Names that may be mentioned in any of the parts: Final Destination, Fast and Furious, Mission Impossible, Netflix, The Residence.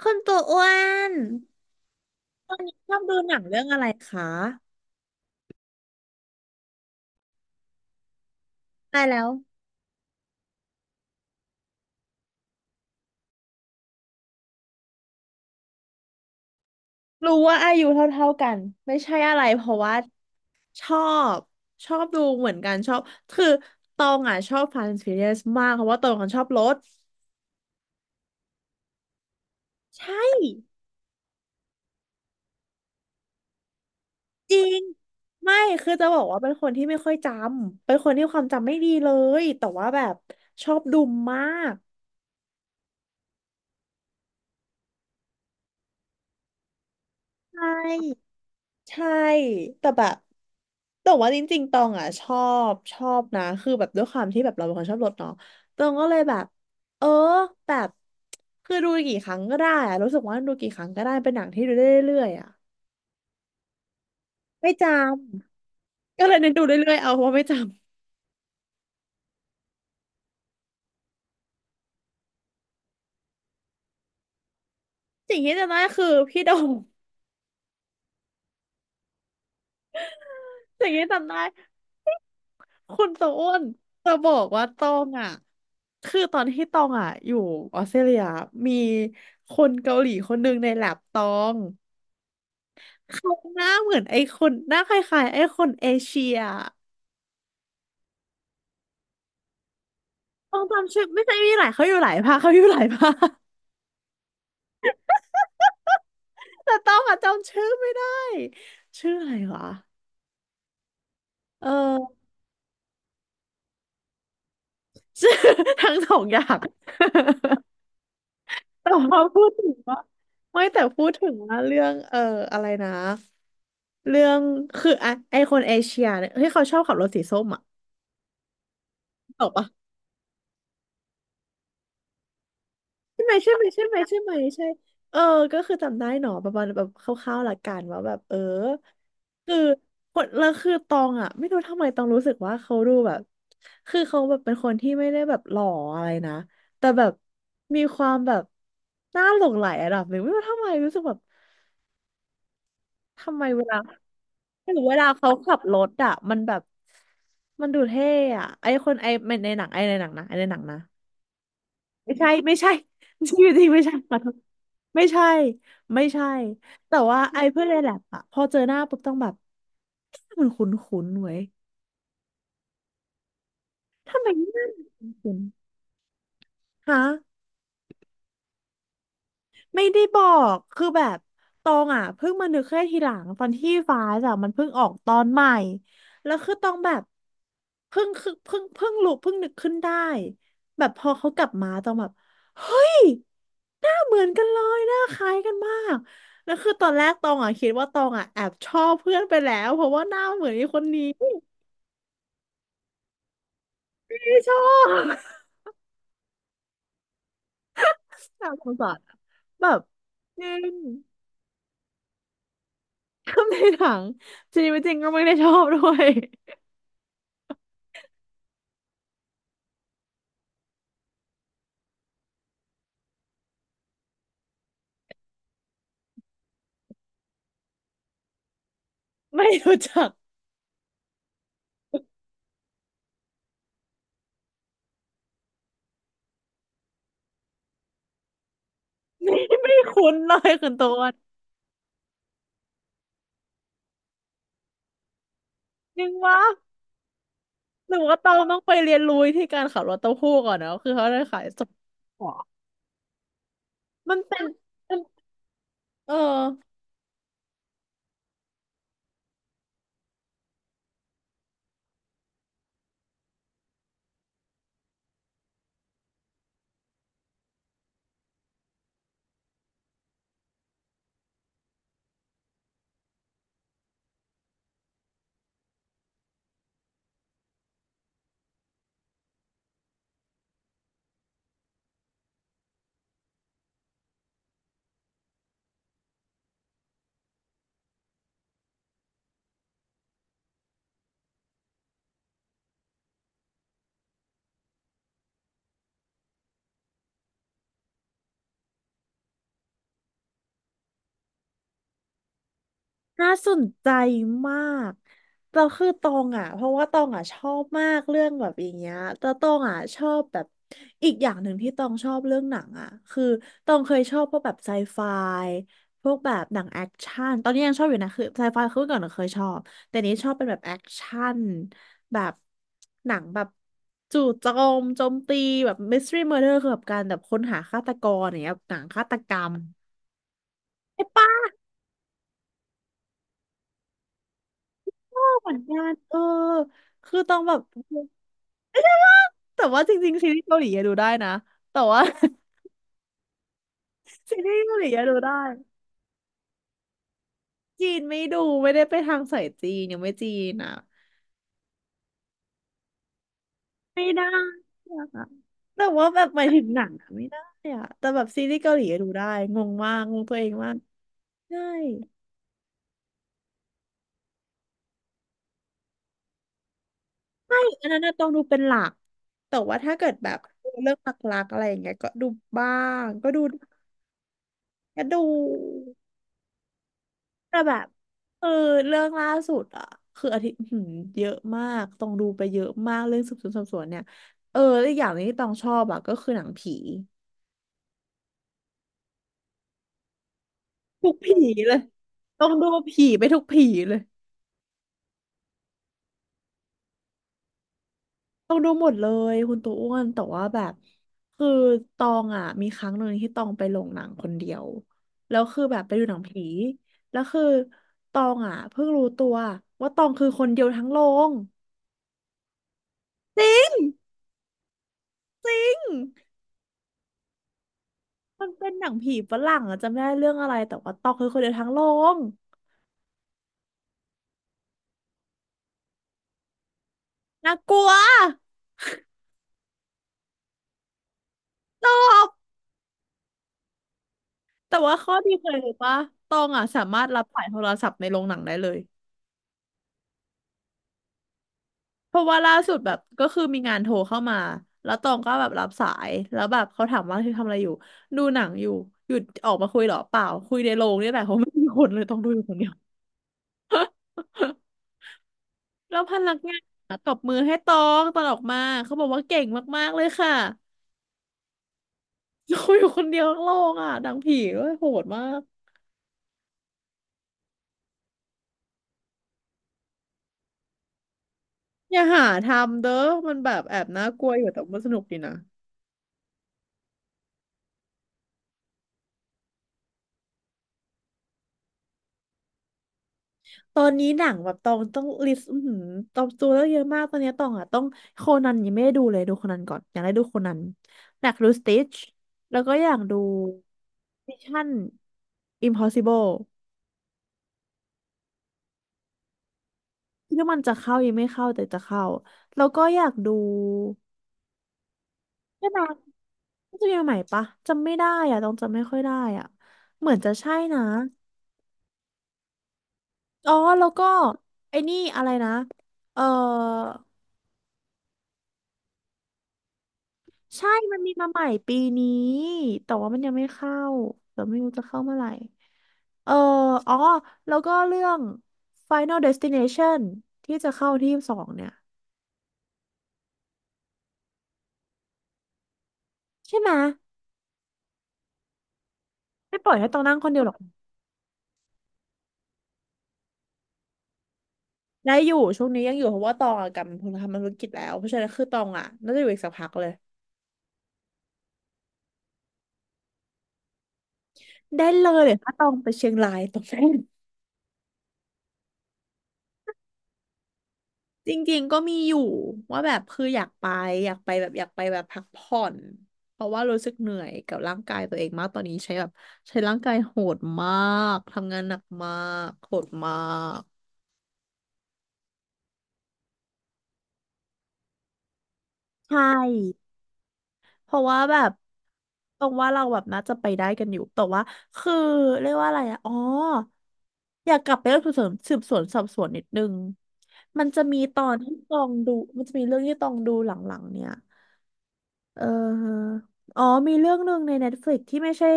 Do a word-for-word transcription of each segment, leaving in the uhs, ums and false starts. คุณตัวอ้วนชอบดูหนังเรื่องอะไรคะตายแล้ว รู้ว่าอายุเท่าๆกันไม่ใช่อะไรเพราะว่าชอบชอบดูเหมือนกันชอบคือตองอ่ะชอบ Fast and Furious มากเพราะว่าตองคนชอบรถใช่จริงไม่คือจะบอกว่าเป็นคนที่ไม่ค่อยจำเป็นคนที่ความจำไม่ดีเลยแต่ว่าแบบชอบดูมากใช่ ใช่แต่แบบแต่ว่าจริงๆตองอ่ะชอบชอบนะคือแบบด้วยความที่แบบเราเป็นคนชอบรถเนาะตองก็เลยแบบเออแบบคือดูกี่ครั้งก็ได้อะรู้สึกว่าดูกี่ครั้งก็ได้เป็นหนังที่ดูได้เรื่อยๆอ่ะไม่จำก็เลยเน้นดูเรื่อยๆเอาเพราะไม่จำสิ่งที่จำได้คือพี่โดง สิ่งที่จำได้คุณโตอ้นจะบอกว่าตองอ่ะคือตอนที่ตองอ่ะอยู่ออสเตรเลียมีคนเกาหลีคนหนึ่งในแลบตอง เขาหน้าเหมือนไอ้คนหน้าคล้ายๆไอ้คนเอเชียต้องจำชื่อไม่ใช่มีหลายเขาอยู่หลายภาคเขาอยู่หลายภาคแต่ต้องอะจำชื่อไม่ได้ชื่ออะไรวะเออชื่อ ทั้งสองอย่าง แต่พอพูดถึงว่าไม่แต่พูดถึงว่าเรื่องเอออะไรนะเรื่องคือไะไอคนเอเชียเนี่ยที่เขาชอบขับรถสีส้มอะตกปะ ใช่ไหมใช่ไหมใช่ไหมใช่ไหมใช่เออก็คือจำได้หนอประมาณแบบคร่าวๆหลักการว่าแบบเออคือคนแล้วคือตองอ่ะไม่รู้ทำไมตองรู้สึกว่าเขาดูแบบคือเขาแบบเป็นคนที่ไม่ได้แบบหล่ออะไรนะแต่แบบมีความแบบน่าหลงใหลระดับหนึ่งไม่รู้ทำไมรู้สึกแบบทำไมเวลาหรือเวลาเขาขับรถอ่ะมันแบบมันดูเท่อะไอคนไอในหนังไอในหนังนะไอในหนังนะ ไม่ใช่ไม่ใช่ ชีวิตจริงไม่ใช่ขอโทษไม่ใช่ไม่ใช่แต่ว่าไอ้เพื่อนในแลบอะพอเจอหน้าปุ๊บต้องแบบมันคุ้นๆเว้ยทำไมหน้ามันคุ้นๆฮะ ไม่ได้บอกคือแบบตองอ่ะเพิ่งมานึกแค่ทีหลังตอนที่ฟ้าจ้ะมันเพิ่งออกตอนใหม่แล้วคือตองแบบเพิ่งคือเพิ่งเพิ่งรู้เพิ่งนึกขึ้นได้แบบพอเขากลับมาตองแบบเฮ้ยหน้าเหมือนกันเลยหน้าคล้ายกันมากแล้วคือตอนแรกตองอ่ะคิดว่าตองอ่ะแอบชอบเพื่อนไปแล้วเพราะว่าหน้าเหมือนไอ้คนนี้ไม่ชอบ น่าสงสารอะแบบจริงก็ในหนังจริงจริงก็ไม่ได้ชอบด้วย ไม่รู้จักไม่ไม่คุ้นเลยคุณโตนนึกว่าหนูว่าตองต้องไปเรียนรู้ที่การขับรถเต้าหู้ก่อนนะคือเขาได้ขายสดหัวมันเป็นมันเออ น่าสนใจมากเราคือตองอ่ะเพราะว่าตองอ่ะชอบมากเรื่องแบบอย่างเงี้ยแต่ตองอ่ะชอบแบบอีกอย่างหนึ่งที่ตองชอบเรื่องหนังอ่ะคือตองเคยชอบพวกแบบไซไฟพวกแบบหนังแอคชั่นตอนนี้ยังชอบอยู่นะคือไซไฟคือเมื่อก่อนเราเคยชอบแต่นี้ชอบเป็นแบบแอคชั่นแบบหนังแบบจู่โจมโจมตีแบบมิสทรีเมอร์เดอร์คือแบบการแบบค้นหาฆาตกรอย่างเงี้ยหนังฆาตกรรมไอ้ป เหมือนกันเออคือต้องแบบแต่ว่าจริงๆซีรีส์เกาหลีอะดูได้นะแต่ว่า ซีรีส์เกาหลีอะดูได้จีนไม่ดูไม่ได้ไปทางสายจีนยังไม่จีนอ่ะไม่ได้อะแต่ว่าแบบหมายถึงหนังอะไม่ได้อะแต่แบบซีรีส์เกาหลีอะดูได้งงมากงงตัวเองมากใช่ใช่อันนั้นน่ะต้องดูเป็นหลักแต่ว่าถ้าเกิดแบบเรื่องหลักๆอะไรอย่างเงี้ยก็ดูบ้างก็ดูก็ดู แต่แบบเออเรื่องล่าสุดอ่ะคืออาทิตย์หืมเยอะมากต้องดูไปเยอะมากเรื่องสืบสวนสอบสวนเนี่ยเออแล้วอกอย่างหนี้ที่ต้องชอบอ่ะก็คือหนังผีทุกผีเลยต้องดูผีไปทุกผีเลยต้องดูหมดเลยคุณตัวอ้วนแต่ว่าแบบคือตองอ่ะมีครั้งหนึ่งที่ตองไปโรงหนังคนเดียวแล้วคือแบบไปดูหนังผีแล้วคือตองอ่ะเพิ่งรู้ตัวว่าตองคือคนเดียวทั้งโรงจริง มันเป็นหนังผีฝรั่งอะจำไม่ได้เรื่องอะไรแต่ว่าตองคือคนเดียวทั้งโรงน่ากลัวแต่ว่าข้อดีเคยรู้ปะตองอ่ะสามารถรับสายโทรศัพท์ในโรงหนังได้เลยเพราะว่าล่าสุดแบบก็คือมีงานโทรเข้ามาแล้วตองก็แบบรับสายแล้วแบบเขาถามว่าคือทำอะไรอยู่ดูหนังอยู่หยุดออกมาคุยเหรอเปล่าคุยในโรงนี่แหละเพราะไม่มีคนเลยต้องดูอยู่คนเดียว แล้วพนักงานอะตบมือให้ตองตอนออกมาเขาบอกว่าเก่งมากๆเลยค่ะ คุยอยู่คนเดียวทั้งโรงอ่ะหนังผีด้วยโหดมาก อย่าหาทำเด้อมันแบบแอบน่ากลัวอยู่แต่มันสนุกดีนะตอนนี้หนังแบบตองต้องลิสต์อือหือตองตัวเลือกเยอะมากตอนนี้ตองอ่ะต้องโคนันยังไม่ได้ดูเลยดูโคนันก่อนอยากได้ดูโคนันอยากดูสติชแล้วก็อยากดู มิชชัน อิมพอสสิเบิล คิดว่ามันจะเข้ายังไม่เข้าแต่จะเข้าแล้วก็อยากดูใช่ไหมมันจะมีใหม่ปะจำไม่ได้อ่ะตองจำไม่ค่อยได้อ่ะเหมือนจะใช่นะ อ๋อ แล้วก็ไอ้นี่อะไรนะ เออใช่ มันมีมาใหม่ปีนี้ แต่ว่ามันยังไม่เข้าเดี๋ยวไม่รู้จะเข้าเมื่อไหร่เอออ๋อ แล้วก็เรื่อง ไฟนอล เดสติเนชัน ที่จะเข้าที่ยี่สิบสองเนี่ย ใช่ไหม ไม่ปล่อยให้ตองนั่งคนเดียวหรอก ได้อยู่ ช่วงนี้ยังอยู่เพราะว่าตองอะกลับมาทำธุรกิจแล้ว เพราะฉะนั้นคือตองอ่ะน่าจะอยู่อีกสักพักเลย ได้เลยเดี๋ยวถ้าตองไปเชียงรายตองได้ จริงๆก็มีอยู่ว่าแบบคืออยากไปอยากไปแบบอยากไปแบบพักผ่อนเพราะว่ารู้สึกเหนื่อยกับร่างกายตัวเองมากตอนนี้ใช้แบบใช้ร่างกายโหดมากทำงานหนักมากโหดมากใช่เพราะว่าแบบตรงว่าเราแบบน่าจะไปได้กันอยู่แต่ว่าคือเรียกว่าอะไรอะอ๋ออยากกลับไปเรื่องสืบสวนสืบสวนสอบสวนนิดนึงมันจะมีตอนที่ตองดูมันจะมีเรื่องที่ตองดูหลังๆเนี่ย เออฮะอ๋อมีเรื่องหนึ่งใน เน็ตฟลิกซ์ ที่ไม่ใช่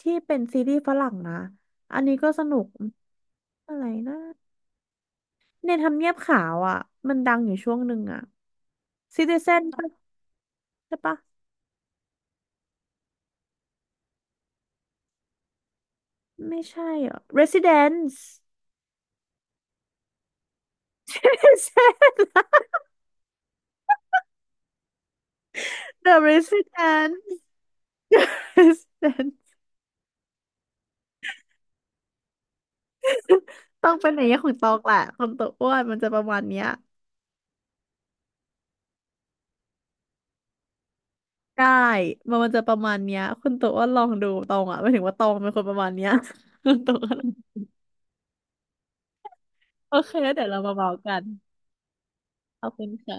ที่เป็นซีรีส์ฝรั่งนะอันนี้ก็สนุกอะไรนะในทำเนียบขาวอ่ะมันดังอยู่ช่วงหนึ่งอ่ะ ซิติเซน ปะใช่ปะไม่ใช่เหรอ่ะ Residence เรสซิเดนซ์ เดอะ เรสซิเดนซ์ Residence ต้องเป็นอย่างเงี้ยของตองแหละคนตัวอ้วนมันจะประมาณเนี้ยได้มันมันจะประมาณเนี้ยคุณตัวอ้วนลองดูตองอ่ะไม่ถึงว่าตองเป็นคนประมาณเนี้ย คุณตัวอ้วนโอเคแล้วเดี๋ยวเรามาเมากัน ขอบคุณค่ะ